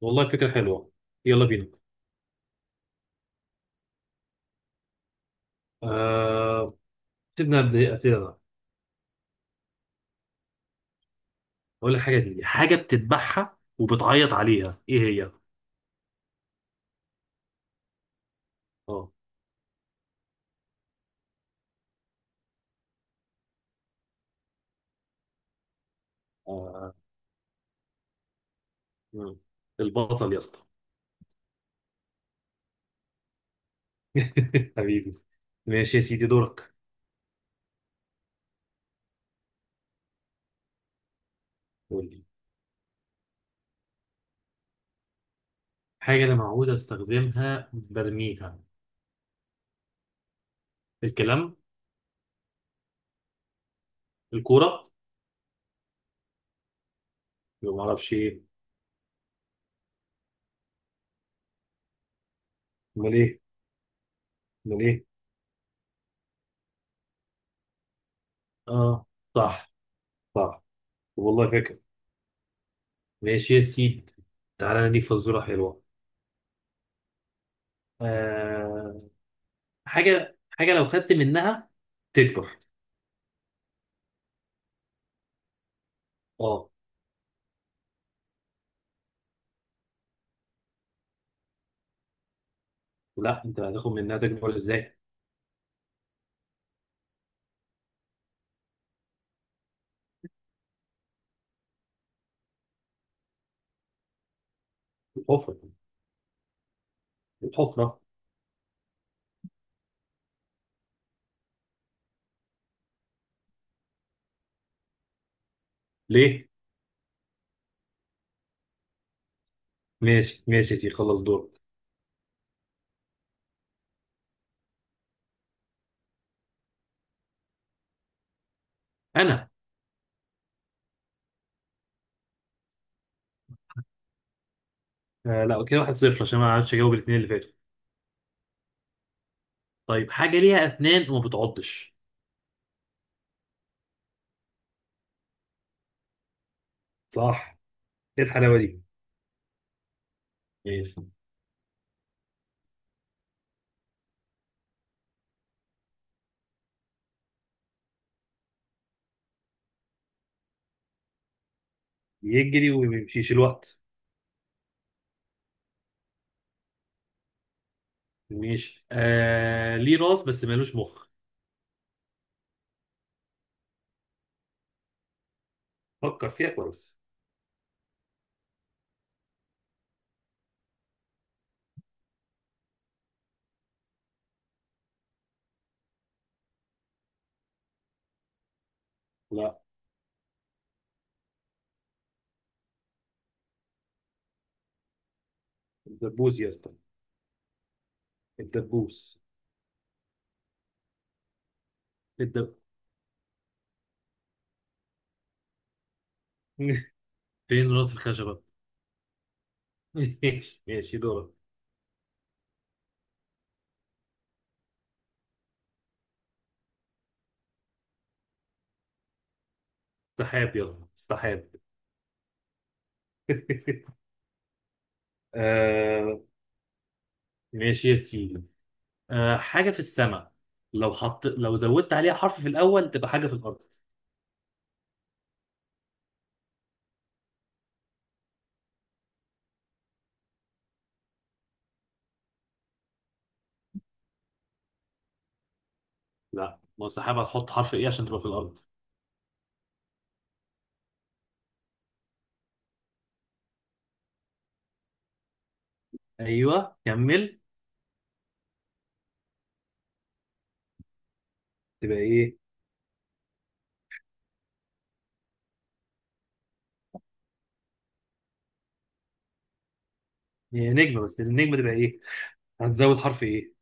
والله فكرة حلوة. يلا بينا. آه... سيبنا ابتدي انا. اقول لك حاجة، دي حاجة بتذبحها وبتعيط عليها، ايه هي؟ اه. آه، مم. البصل يا اسطى. حبيبي. ماشي يا سيدي، دورك. قول لي. حاجة أنا معود أستخدمها برميها. الكلام. الكورة. ما أعرفش إيه. أمال إيه، أمال إيه. آه، صح، صح، والله فاكر. ماشي يا سيدي. تعالى نديك فزورة حلوة. آه حاجه حاجه لو خدت منها تكبر. اه. لا، انت هتاخد منها تكبر ازاي؟ الحفره. الحفره. ليه؟ ماشي ماشي يا سيدي، خلص دور. انا. لا، كده واحد صفر عشان ما عرفتش اجاوب الاثنين اللي فاتوا. طيب، حاجه ليها اسنان وما بتعضش. صح. ايه الحلاوه دي؟ ماشي. يجري وما بيمشيش الوقت. ماشي. ليه راس بس مالوش مخ. فكر فيها كويس. لا. الدبوس يا اسطى. الدبوس. الدب. فين راس الخشبه؟ ماشي ماشي، دورك. سحاب، يلا سحاب. آه. ماشي يا سيدي. حاجة في السماء، لو زودت عليها حرف في الأول تبقى حاجة في الأرض. لا. ما هو السحاب، هتحط حرف إيه عشان تبقى في الأرض؟ أيوه، كمل. تبقى إيه؟ هي نجمة، بس النجمة تبقى إيه؟ هتزود حرف إيه؟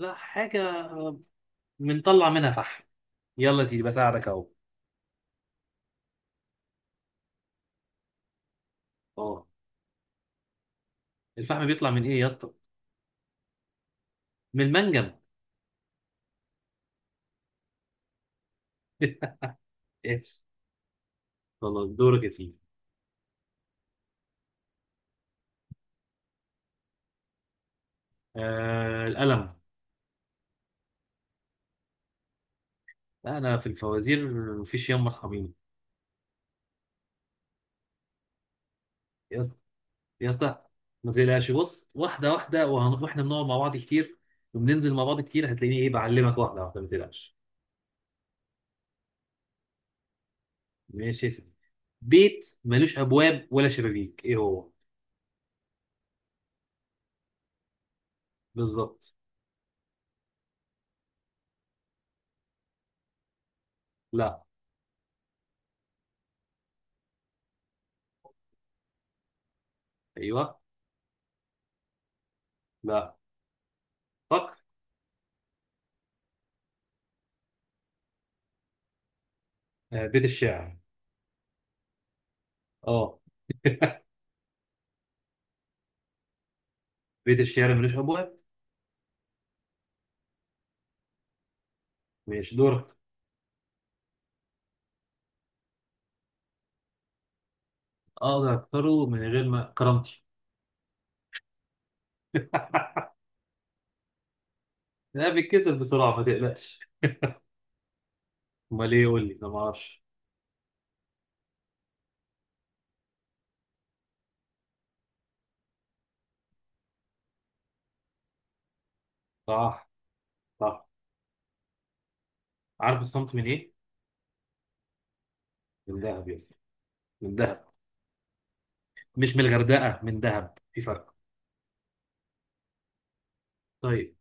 لا. حاجة بنطلع منها فحم. يلا يا سيدي، بساعدك أهو. أه. الفحم بيطلع من إيه يا اسطى؟ من المنجم. ايش. خلاص، دورك يا سيدي. القلم. لا، أنا في الفوازير. مفيش يوم مرحبين. يا اسطى، يا اسطى، ما تقلقش، بص واحده واحده، واحنا بنقعد مع بعض كتير وبننزل مع بعض كتير، هتلاقيني ايه بعلمك واحده واحده، ما تقلقش. ماشي يا سيدي. بيت ملوش ابواب ولا شبابيك، ايه هو؟ بالظبط. لا. ايوه. لا. فكر. بيت الشعر. اه. بيت الشعر ملوش ابواب. ماشي، دورك. اقدر اكسره من غير ما كرامتي. لا بيتكسر بسرعه، ما تقلقش. امال ايه، قول لي، انا ما اعرفش. صح، صح. عارف الصمت من ايه؟ من ذهب يا اسطى. من ذهب. مش من الغردقة، من دهب في فرق. طيب.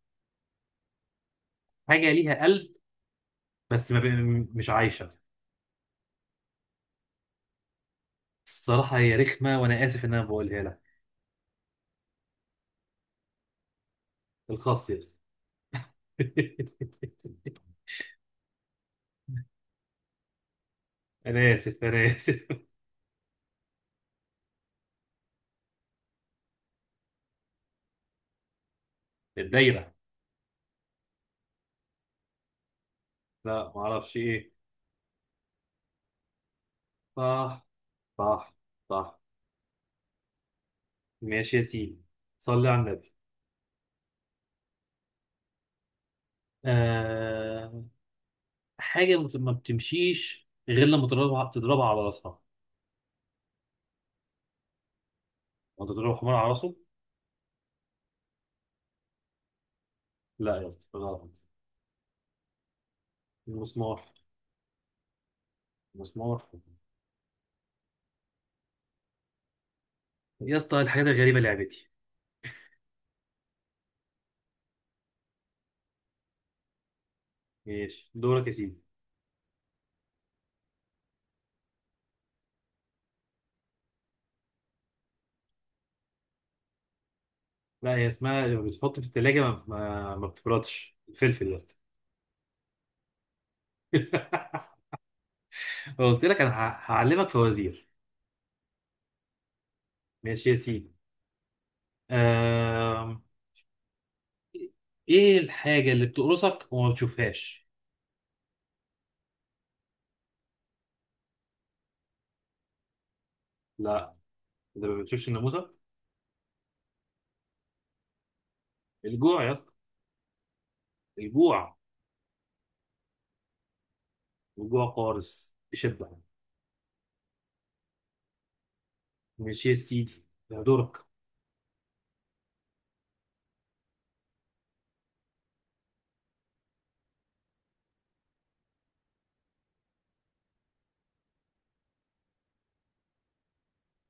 حاجة ليها قلب بس ما بي... مش عايشة. الصراحة هي رخمة، وأنا آسف إن أنا بقولها لك. الخاص يا اسطى. أنا آسف، أنا آسف. الدايرة. لا معرفش إيه. صح، صح، صح. ماشي يا سيدي. صلي على النبي. آه... حاجة ما بتمشيش غير لما تضربها تضربها على راسها. وأنت تضرب حمار على راسه؟ لا يا اسطى، غلط. المسمار. المسمار. يا اسطى، الحاجات الغريبة لعبتي. ماشي، دورك يا سيدي. لا، هي اسمها لما بتحط في التلاجة ما بتبردش، الفلفل يا اسطى. قلت لك انا هعلمك فوازير. ماشي يا سيدي. آم... ايه الحاجة اللي بتقرصك وما بتشوفهاش؟ لا، ده ما بتشوفش الناموسة. الجوع يا اسطى. الجوع. الجوع قارص بشدة. ماشي يا سيدي. ده دورك.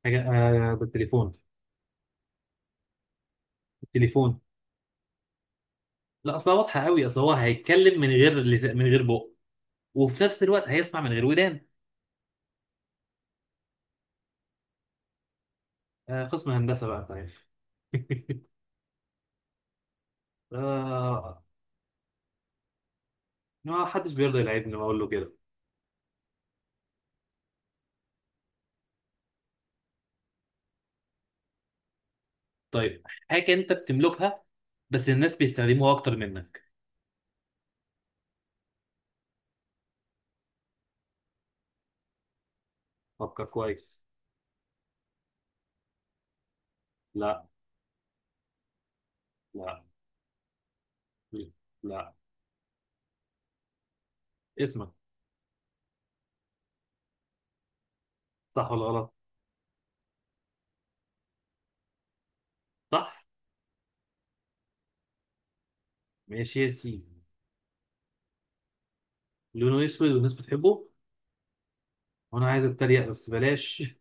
حاجة، بالتليفون. التليفون. لا اصلا واضحة قوي، اصلا هو هيتكلم من غير لسان، من غير بق، وفي نفس الوقت هيسمع من غير ودان. قسم هندسة بقى، طيب. آه. ما حدش بيرضى يلعبني، بقول له كده. طيب، حاجة أنت بتملكها بس الناس بيستخدموها أكتر منك. فكر كويس. لا. لا. لا. اسمك. صح ولا غلط؟ صح. ماشي يا سيدي. لونه أسود والناس بتحبه. وأنا عايز أتريق بس بلاش.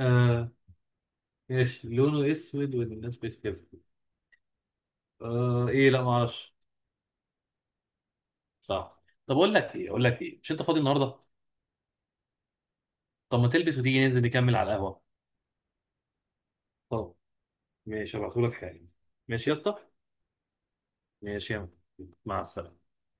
آه ماشي، لونه أسود والناس بتحبه. إيه، لا معرفش. صح. طب أقول لك إيه، أقول لك إيه، مش أنت فاضي النهاردة؟ طب ما تلبس وتيجي ننزل نكمل على القهوة. اه. ماشي، هبعتهولك حالا. ماشي يا اسطى. ماشي يا عم. مع السلامة.